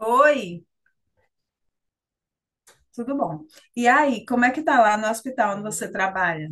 Oi, tudo bom? E aí, como é que tá lá no hospital onde você trabalha?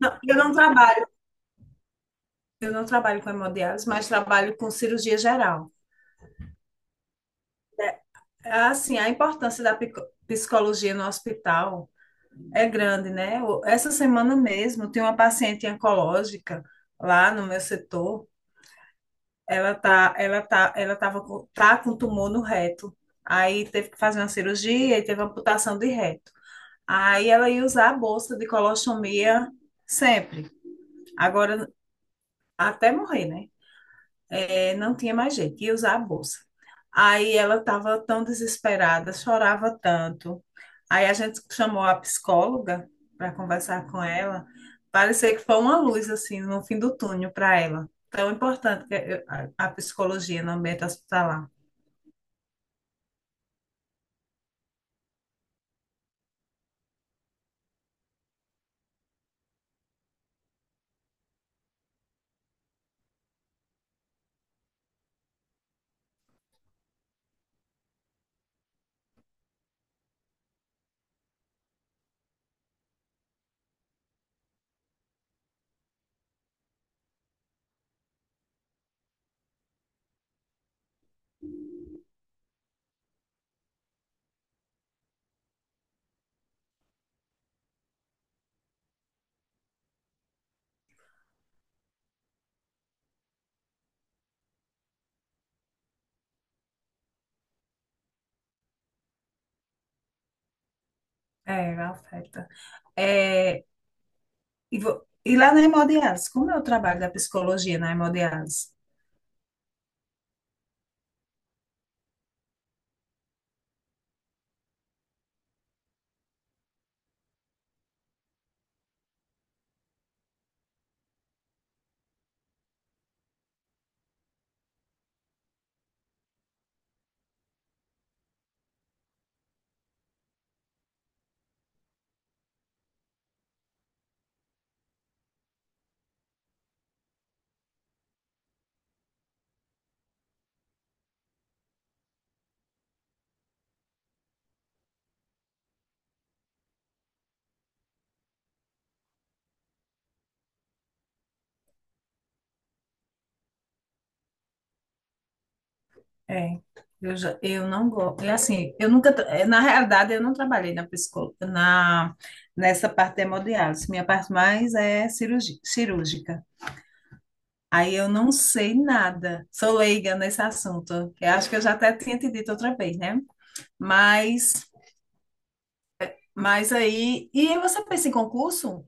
Não, eu não trabalho com hemodiálise, mas trabalho com cirurgia geral. Assim, a importância da psicologia no hospital é grande, né? Essa semana mesmo tem uma paciente oncológica lá no meu setor. Ela tá, ela tá, ela tava com, tá com tumor no reto. Aí teve que fazer uma cirurgia e teve amputação de reto. Aí ela ia usar a bolsa de colostomia sempre. Agora, até morrer, né? É, não tinha mais jeito, ia usar a bolsa. Aí ela estava tão desesperada, chorava tanto. Aí a gente chamou a psicóloga para conversar com ela. Parecia que foi uma luz, assim, no fim do túnel para ela. Tão importante a psicologia no ambiente hospitalar. É, afeta. É, e lá na hemodiálise, como é o trabalho da psicologia na hemodiálise? É, eu não gosto. É assim, eu nunca, tra- eh, na realidade, eu não trabalhei nessa parte de hemodiálise. Minha parte mais é cirúrgica. Aí eu não sei nada. Sou leiga nesse assunto. Eu acho que eu já até tinha te dito outra vez, né? Mas, mas aí. E aí você pensa em concurso?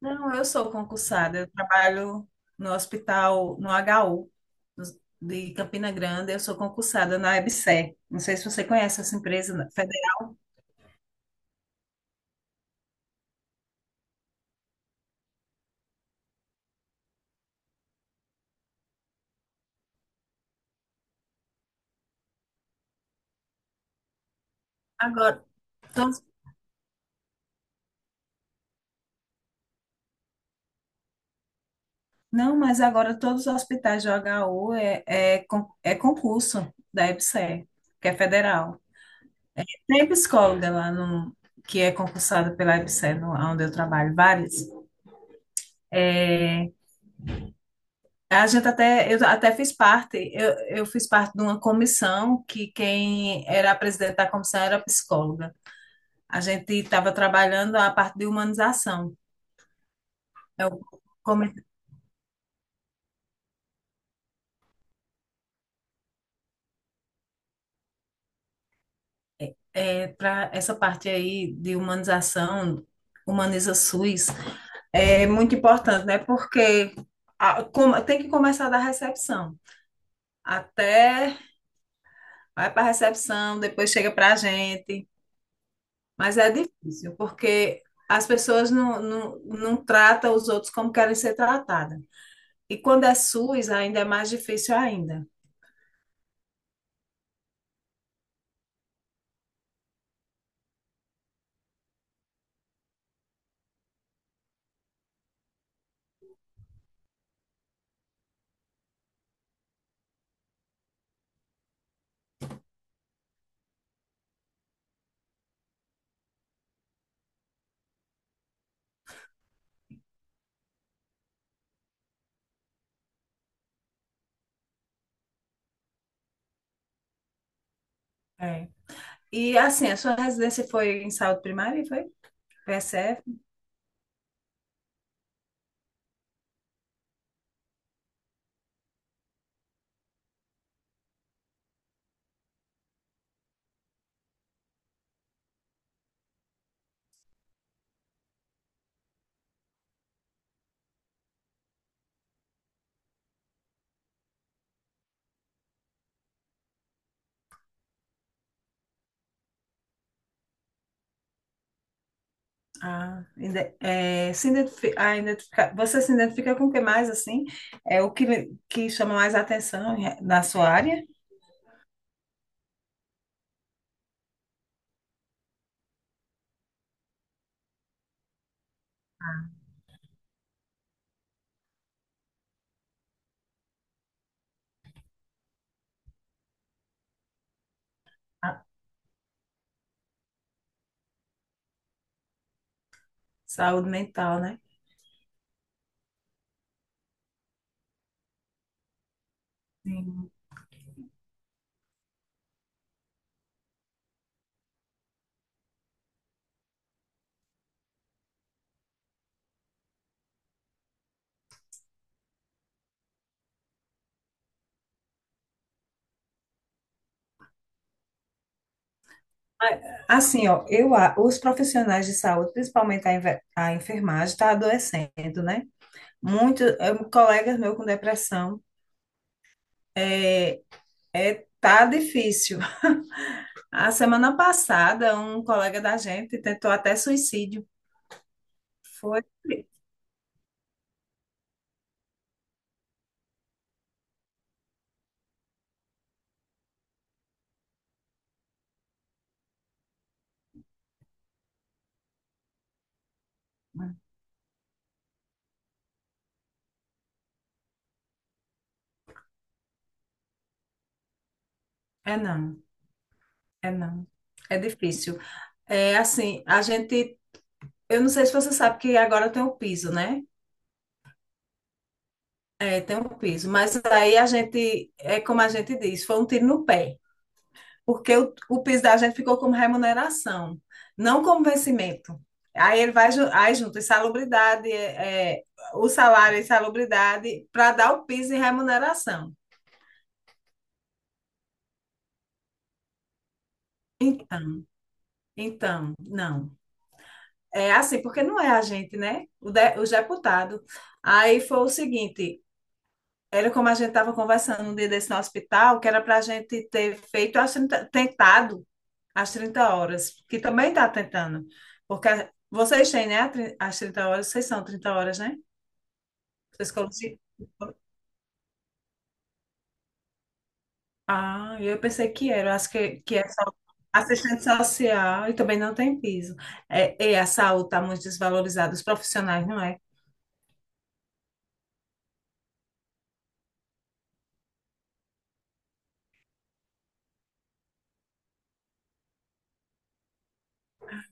Não, eu sou concursada. Eu trabalho no hospital, no HU de Campina Grande, eu sou concursada na EBSER. Não sei se você conhece essa empresa. Agora, todos- não, mas agora todos os hospitais de HU é concurso da EBSER, que é federal. Tem psicóloga lá no, que é concursada pela EBSER, no, onde eu trabalho, várias. É, a gente até, eu até fiz parte, eu fiz parte de uma comissão que quem era a presidente da comissão era psicóloga. A gente estava trabalhando a parte de humanização. É o é, para essa parte aí de humanização, humaniza SUS, é muito importante, né? Porque tem que começar da recepção. Até vai para a recepção, depois chega para a gente. Mas é difícil, porque as pessoas não tratam os outros como querem ser tratadas. E quando é SUS, ainda é mais difícil ainda. É. E assim, a sua residência foi em saúde primária, foi? PSF? Ah, ide- é, se identifi- ah, identifica- você se identifica com o que mais, assim? É o que, que chama mais atenção na sua área? A saúde mental, né? Sim. Ah, assim, ó, os profissionais de saúde, principalmente a enfermagem, está adoecendo, né? Muitos colegas meus com depressão, é, tá difícil. A semana passada, um colega da gente tentou até suicídio. Foi. É não, é não. É difícil. É assim, a gente, eu não sei se você sabe que agora tem o piso, né? É, tem o piso, mas aí a gente, é como a gente diz, foi um tiro no pé, porque o piso da gente ficou como remuneração, não como vencimento. Aí ele vai, aí junto insalubridade, o salário e insalubridade, para dar o piso em remuneração. Então, então, não. É assim, porque não é a gente, né? O deputado. Aí foi o seguinte. Era como a gente estava conversando um dia desse no hospital, que era para a gente ter feito, as 30 tentado as 30 horas, que também está tentando. Porque vocês têm, né, as 30 horas, vocês são 30 horas, né? Psicologia. Ah, eu pensei que era, eu acho que é só assistente social e também não tem piso. É, e a saúde está muito desvalorizada, os profissionais, não é?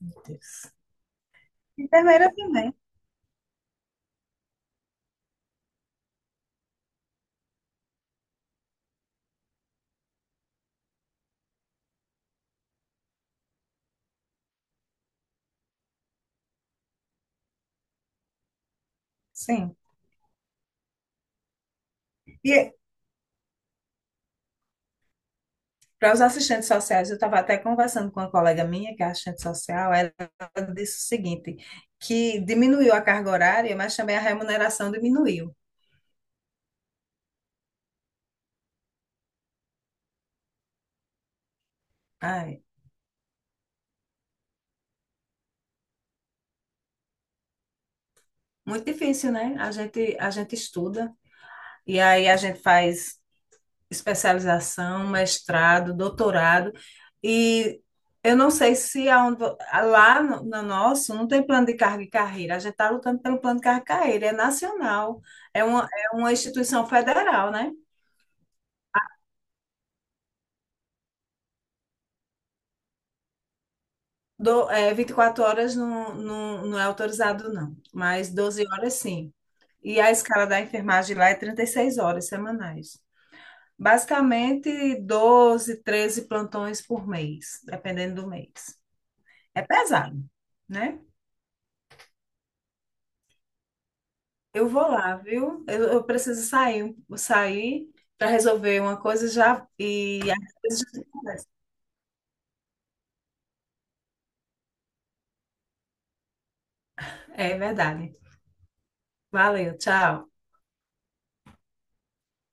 Meu Deus. Enfermeira também, sim. E para os assistentes sociais, eu estava até conversando com uma colega minha, que é assistente social, ela disse o seguinte, que diminuiu a carga horária, mas também a remuneração diminuiu. Ai, muito difícil, né? A gente estuda, e aí a gente faz especialização, mestrado, doutorado, e eu não sei se lá no, nosso não tem plano de carga e carreira, a gente está lutando pelo plano de carga e carreira, é nacional, é uma, instituição federal, né? Vinte e quatro horas não não é autorizado, não, mas 12 horas sim. E a escala da enfermagem lá é 36 horas semanais. Basicamente, 12 13 plantões por mês, dependendo do mês. É pesado, né? Eu vou lá, viu? Eu preciso sair para resolver uma coisa já e às vezes já tem conversa. É verdade. Valeu, tchau.